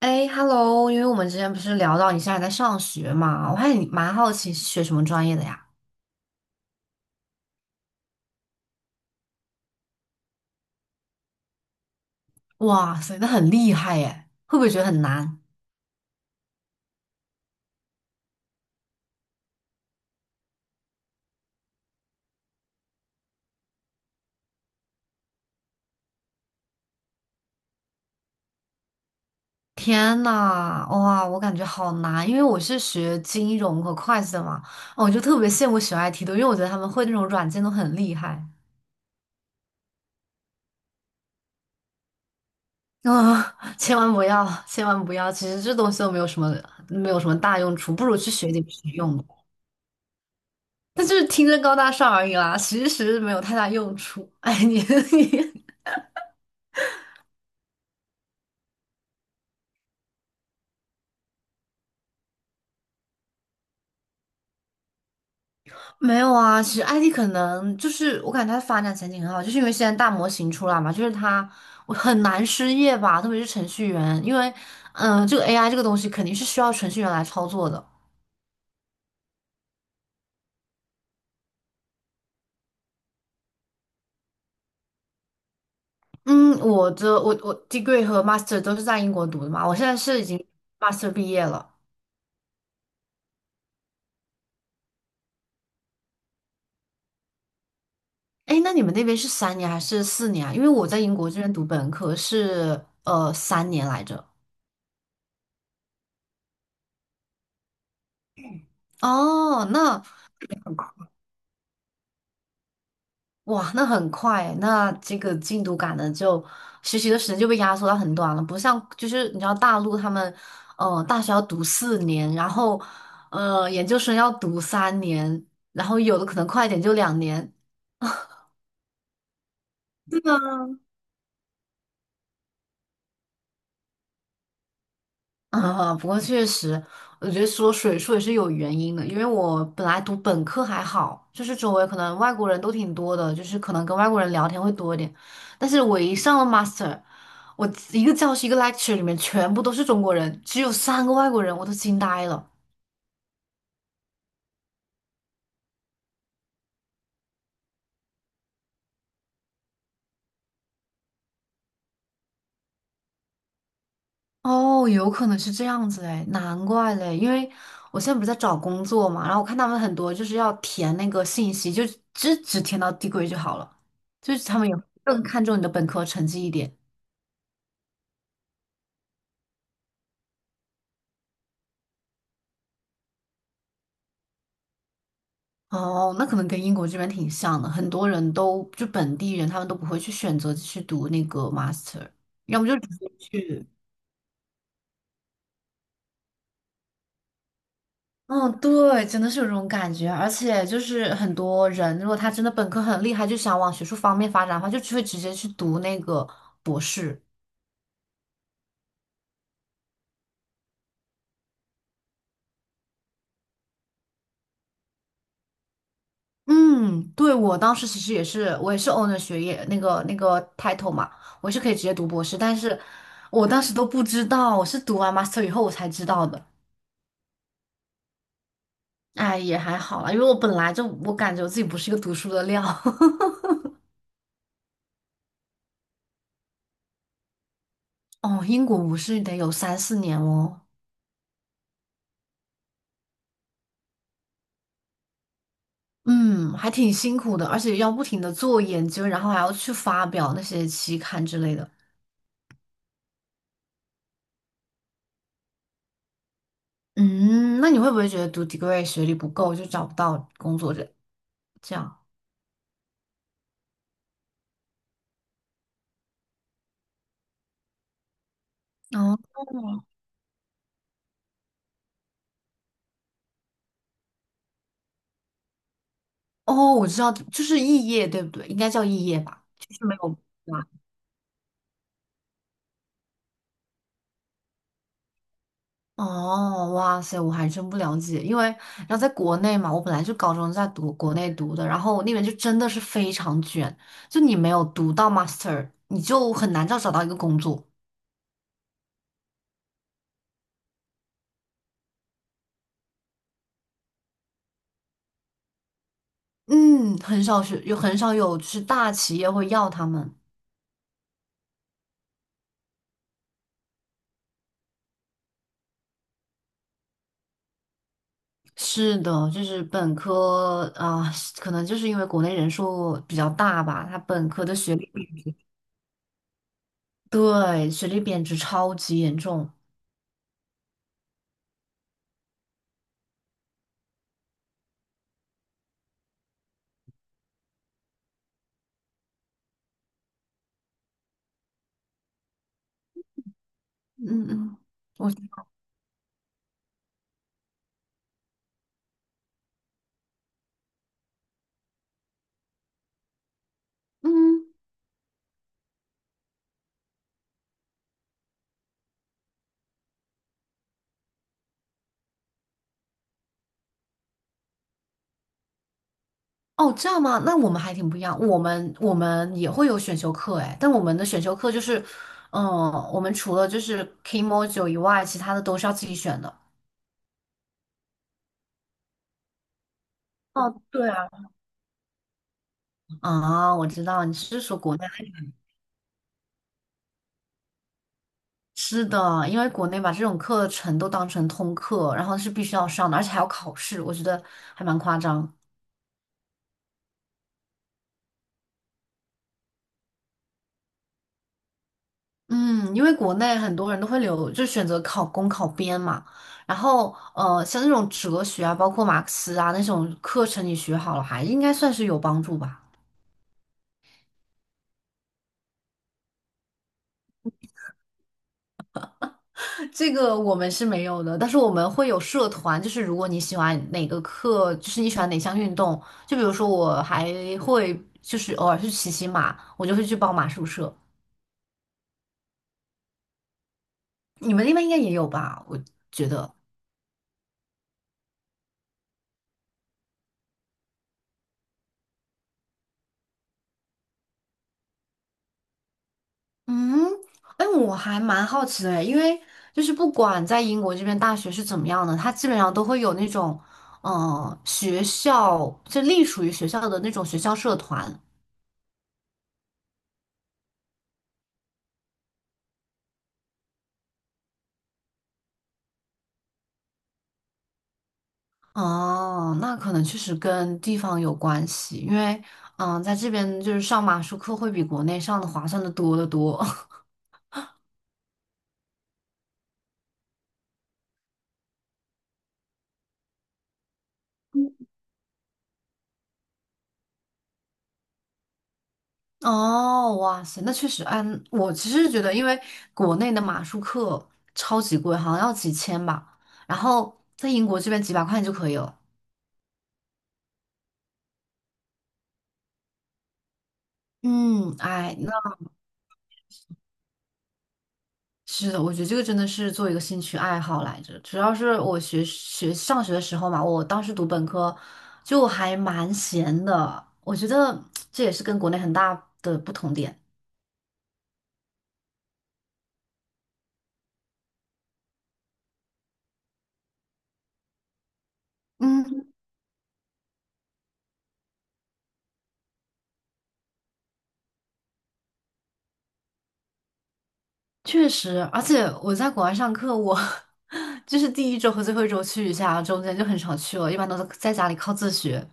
哎，Hello，因为我们之前不是聊到你现在在上学嘛，我还你蛮好奇是学什么专业的呀？哇塞，那很厉害耶，会不会觉得很难？天呐，哇，我感觉好难，因为我是学金融和会计的嘛，哦我就特别羡慕学 IT 的，因为我觉得他们会那种软件都很厉害。啊，千万不要，千万不要，其实这东西都没有什么大用处，不如去学点实用的。但就是听着高大上而已啦，其实没有太大用处。哎，你 你。没有啊，其实 IT 可能就是我感觉它的发展前景很好，就是因为现在大模型出来嘛，就是它我很难失业吧，特别是程序员，因为这个 AI 这个东西肯定是需要程序员来操作的。嗯，我的 degree 和 master 都是在英国读的嘛，我现在是已经 master 毕业了。哎，那你们那边是三年还是四年啊？因为我在英国这边读本科是三年来着。哦，那哇，那很快欸，那这个进度赶的，就学习的时间就被压缩到很短了。不像就是你知道大陆他们，大学要读四年，然后研究生要读三年，然后有的可能快一点就2年。啊，不过确实，我觉得说水硕也是有原因的，因为我本来读本科还好，就是周围可能外国人都挺多的，就是可能跟外国人聊天会多一点。但是我一上了 master，我一个教室一个 lecture 里面全部都是中国人，只有3个外国人，我都惊呆了。哦，有可能是这样子哎，难怪嘞，因为我现在不是在找工作嘛，然后我看他们很多就是要填那个信息，就只填到 d e 就好了，就是他们也更看重你的本科成绩一点。哦，那可能跟英国这边挺像的，很多人都就本地人，他们都不会去选择去读那个 master，要么就直接去。嗯，对，真的是有这种感觉，而且就是很多人，如果他真的本科很厉害，就想往学术方面发展的话，就只会直接去读那个博士。嗯，对，我当时其实也是，我也是 o w n o r 学业那个 title 嘛，我是可以直接读博士，但是我当时都不知道，我是读完 master 以后我才知道的。哎，也还好啦，因为我本来就我感觉我自己不是一个读书的料。哦，英国我是得有三四年哦。嗯，还挺辛苦的，而且要不停的做研究，然后还要去发表那些期刊之类的。嗯，那你会不会觉得读 degree 学历不够就找不到工作这样？哦哦，我知道，就是肄业对不对？应该叫肄业吧，就是没有吧？哦，哇塞，我还真不了解，因为然后在国内嘛，我本来就高中在读国内读的，然后那边就真的是非常卷，就你没有读到 master，你就很难找到一个工作。嗯，很少有就是大企业会要他们。是的，就是本科啊，可能就是因为国内人数比较大吧，他本科的学历，对，学历贬值超级严重。嗯嗯，我嗯。哦，这样吗？那我们还挺不一样。我们也会有选修课。哎，但我们的选修课就是，嗯，我们除了就是 k m o j o 以外，其他的都是要自己选的。哦，对啊，啊，我知道你是说国内是的，因为国内把这种课程都当成通课，然后是必须要上的，而且还要考试，我觉得还蛮夸张。嗯，因为国内很多人都会留，就选择考公考编嘛。然后，像那种哲学啊，包括马克思啊那种课程，你学好了还应该算是有帮助吧。这个我们是没有的，但是我们会有社团，就是如果你喜欢哪个课，就是你喜欢哪项运动，就比如说我还会就是偶尔去骑骑马，我就会去报马术社。你们那边应该也有吧？我觉得。嗯，哎，我还蛮好奇的诶，因为就是不管在英国这边大学是怎么样的，它基本上都会有那种，学校就隶属于学校的那种学校社团。哦，那可能确实跟地方有关系，因为，在这边就是上马术课会比国内上的划算的多得多。哦，哇塞，那确实。嗯，我其实觉得，因为国内的马术课超级贵，好像要几千吧，然后在英国这边几百块钱就可以了。嗯，哎，那是的，我觉得这个真的是做一个兴趣爱好来着。主要是我上学的时候嘛，我当时读本科就还蛮闲的，我觉得这也是跟国内很大的不同点。嗯，确实，而且我在国外上课，我 就是第一周和最后一周去一下，中间就很少去了，一般都是在家里靠自学。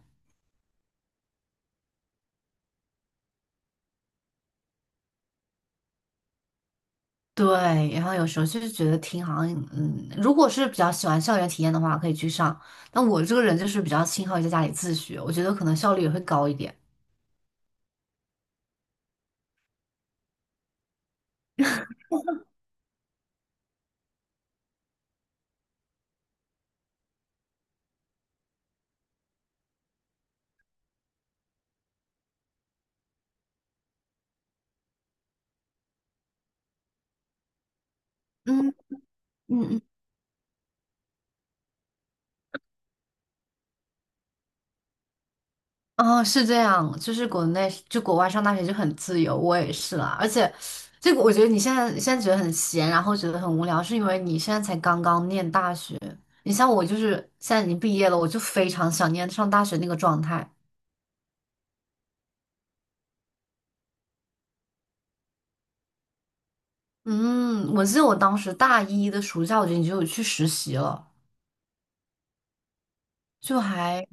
对，然后有时候就是觉得挺好像，嗯，如果是比较喜欢校园体验的话，可以去上。但我这个人就是比较倾向于在家里自学，我觉得可能效率也会高一点。嗯嗯嗯，哦，是这样，就是国内就国外上大学就很自由，我也是啦。而且，这个我觉得你现在觉得很闲，然后觉得很无聊，是因为你现在才刚刚念大学。你像我，就是现在已经毕业了，我就非常想念上大学那个状态。嗯，我记得我当时大一的暑假，我觉得你就有去实习了。就还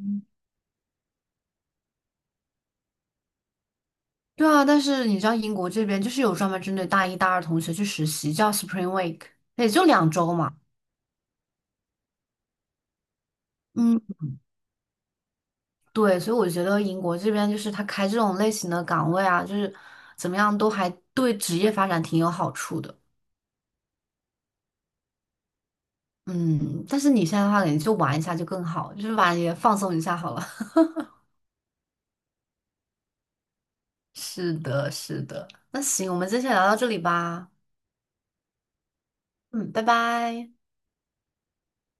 对啊，但是你知道英国这边就是有专门针对大一、大二同学去实习，叫 Spring Week，也就2周嘛。嗯，对，所以我觉得英国这边就是他开这种类型的岗位啊，就是怎么样都还对职业发展挺有好处的。嗯，但是你现在的话，你就玩一下就更好，就是玩也放松一下好了。是的，是的。那行，我们今天先聊到这里吧。嗯，拜拜。